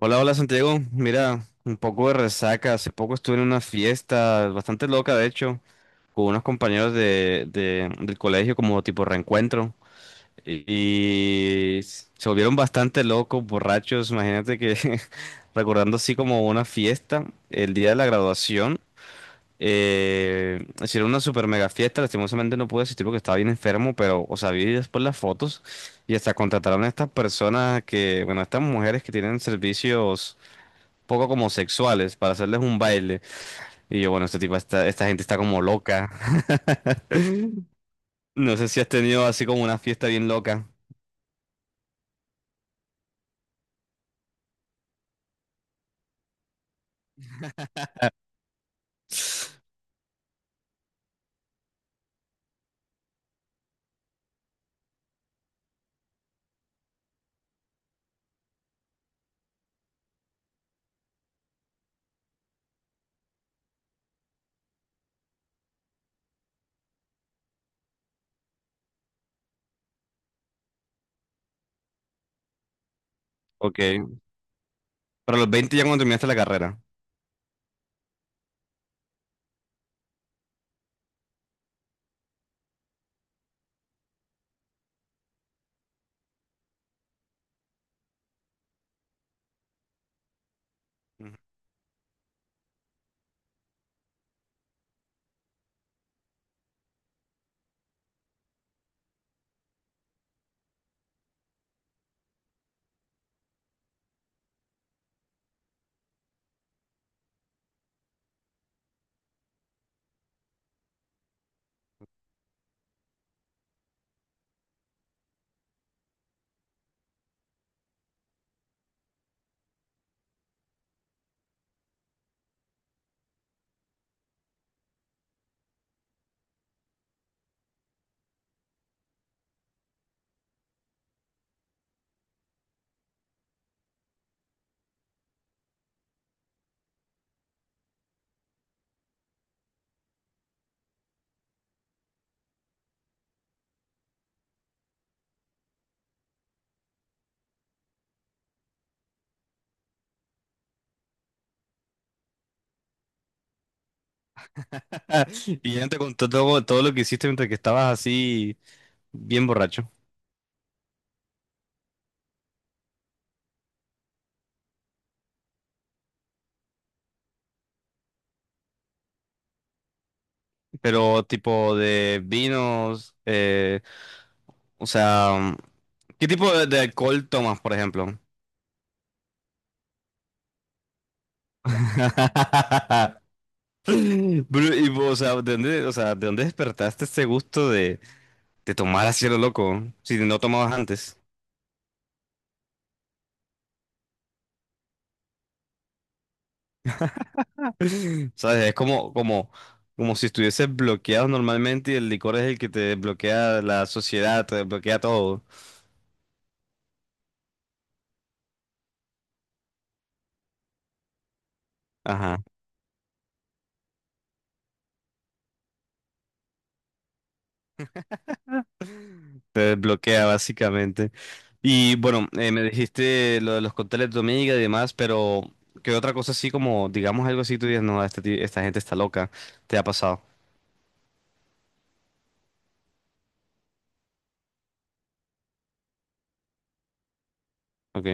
Hola, hola Santiago. Mira, un poco de resaca. Hace poco estuve en una fiesta bastante loca, de hecho, con unos compañeros del colegio como tipo reencuentro. Y se volvieron bastante locos, borrachos. Imagínate que recordando así como una fiesta, el día de la graduación, hicieron una super mega fiesta. Lastimosamente no pude asistir porque estaba bien enfermo, pero, o sea, vi después las fotos y hasta contrataron a estas personas que, bueno, estas mujeres que tienen servicios poco como sexuales para hacerles un baile. Y yo, bueno, esta gente está como loca. No sé si has tenido así como una fiesta bien loca. Ok. Pero a los 20 ya cuando terminaste la carrera. Y ya te contó todo, todo lo que hiciste mientras que estabas así bien borracho. Pero tipo de vinos, o sea, ¿qué tipo de alcohol tomas, por ejemplo? Y, o sea, ¿de dónde despertaste ese gusto te tomas así a lo loco, si no tomabas antes. ¿Sabes? Es como si estuvieses bloqueado normalmente y el licor es el que te desbloquea la sociedad, te desbloquea todo. Ajá, te desbloquea básicamente. Y bueno, me dijiste lo de los cócteles de tu amiga y demás, pero ¿qué otra cosa así como, digamos algo así, tú dices, no, esta gente está loca, te ha pasado, ¿ok?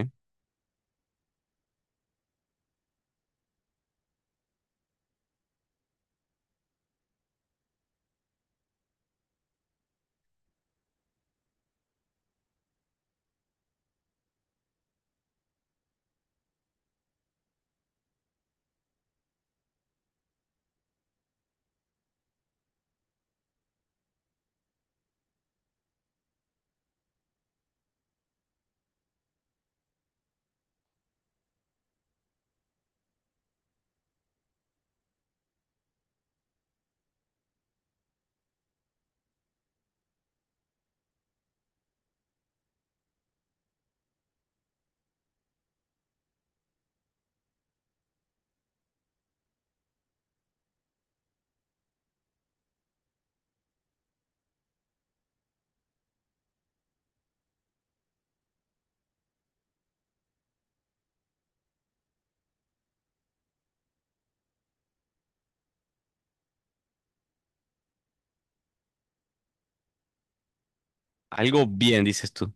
Algo bien, dices tú.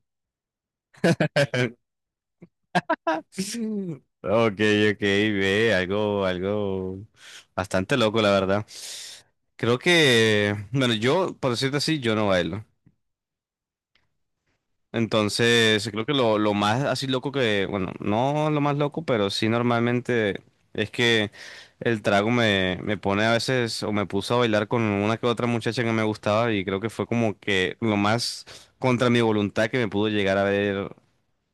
Ok, ok, ve, algo bastante loco, la verdad. Creo que, bueno, yo, por decirte así, yo no bailo. Entonces, creo que lo más así loco que, bueno, no lo más loco, pero sí normalmente es que el trago me pone a veces, o me puso a bailar con una que otra muchacha que me gustaba y creo que fue como que lo más contra mi voluntad que me pudo llegar a ver,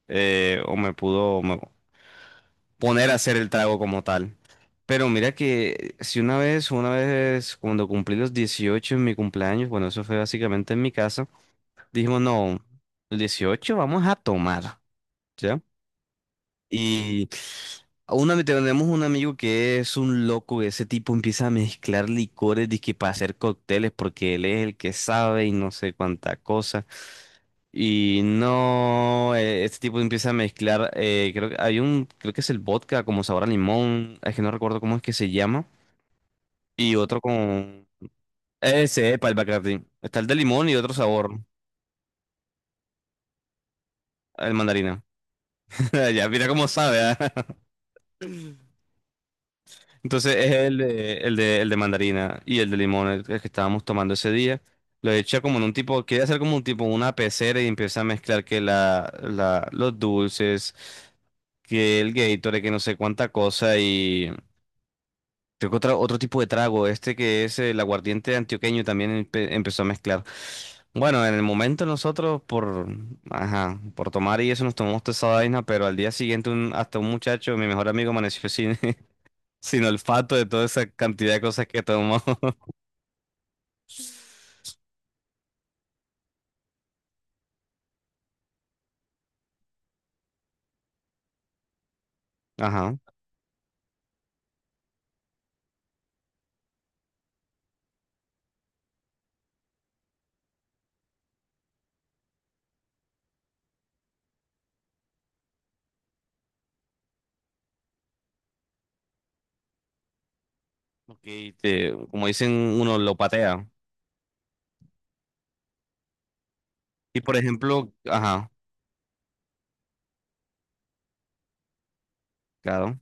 o me pudo, poner a hacer el trago como tal. Pero mira que si una vez cuando cumplí los 18 en mi cumpleaños, bueno, eso fue básicamente en mi casa, dijimos, no, los 18 vamos a tomar, y tenemos un amigo que es un loco, ese tipo empieza a mezclar licores dizque para hacer cócteles porque él es el que sabe y no sé cuánta cosa. Y no, este tipo empieza a mezclar, creo que es el vodka como sabor a limón, es que no recuerdo cómo es que se llama, y otro con... Ese, epa, el Bacardi. Está el de limón y otro sabor, el mandarina. Ya mira cómo sabe, ¿ah? Entonces es el de mandarina y el de limón, el que estábamos tomando ese día. Lo echa como en un tipo, quiere hacer como un tipo, una pecera y empieza a mezclar que los dulces, que el Gatorade, que no sé cuánta cosa y creo que otro tipo de trago, este que es el aguardiente antioqueño también empezó a mezclar. Bueno, en el momento nosotros por, ajá, por tomar y eso nos tomamos toda esa vaina, pero al día siguiente hasta un muchacho, mi mejor amigo, amaneció sin, sin olfato de toda esa cantidad de cosas que tomó. Ajá. Ok, como dicen, uno lo patea. Y por ejemplo, ajá, claro.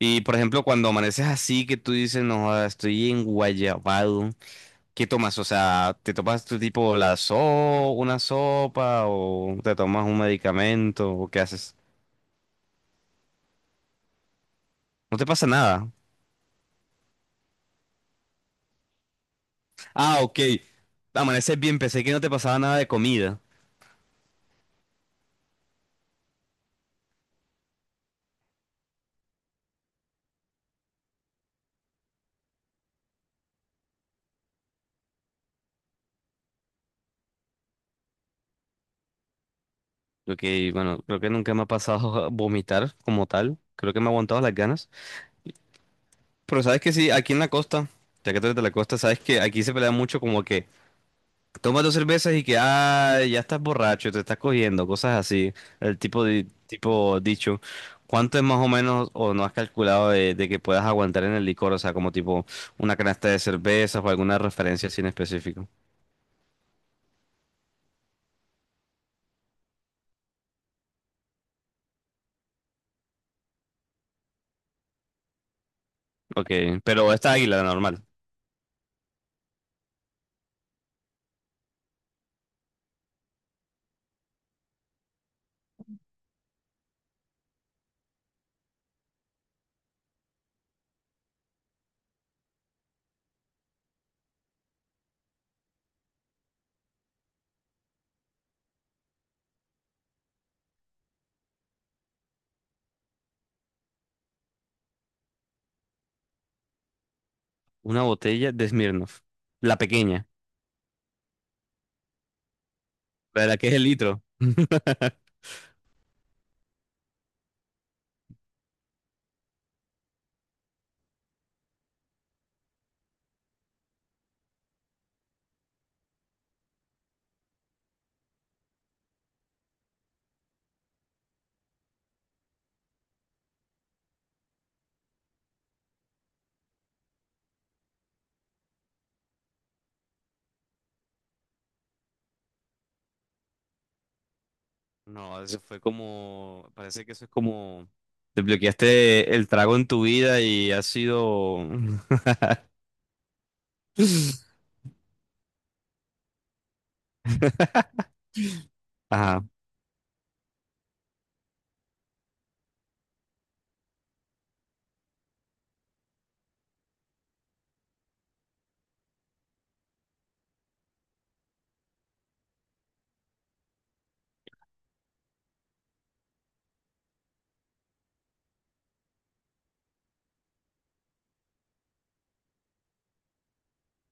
Y por ejemplo, cuando amaneces así, que tú dices, no, joda, estoy en Guayabado, ¿qué tomas? O sea, ¿te tomas tu tipo una sopa o te tomas un medicamento o qué haces? No te pasa nada. Ah, ok. Amaneces bien, pensé que no te pasaba nada de comida. Ok, bueno, creo que nunca me ha pasado a vomitar como tal. Creo que me ha aguantado las ganas. Pero sabes que sí, aquí en la costa, ya que tú eres de la costa, sabes que aquí se pelea mucho como que tomas dos cervezas y que ah, ya estás borracho, te estás cogiendo, cosas así. El tipo de tipo dicho. ¿Cuánto es más o menos o no has calculado de que puedas aguantar en el licor? O sea, como tipo una canasta de cervezas o alguna referencia así en específico. Ok, pero esta águila normal. Una botella de Smirnoff. La pequeña. La de la que es el litro. No, eso fue como, parece que eso es como, desbloqueaste el trago en tu vida y ha sido... Ajá.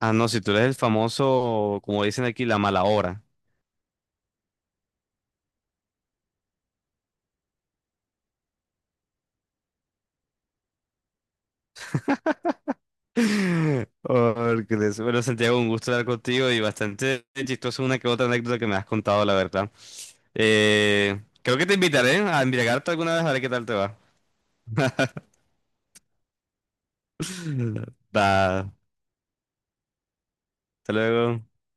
Ah, no, si tú eres el famoso, como dicen aquí, la mala hora. Bueno, Santiago, un gusto hablar contigo y bastante chistoso una que otra anécdota que me has contado, la verdad. Creo que te invitaré a embriagarte alguna vez a ver qué tal te va. Da, Hasta luego.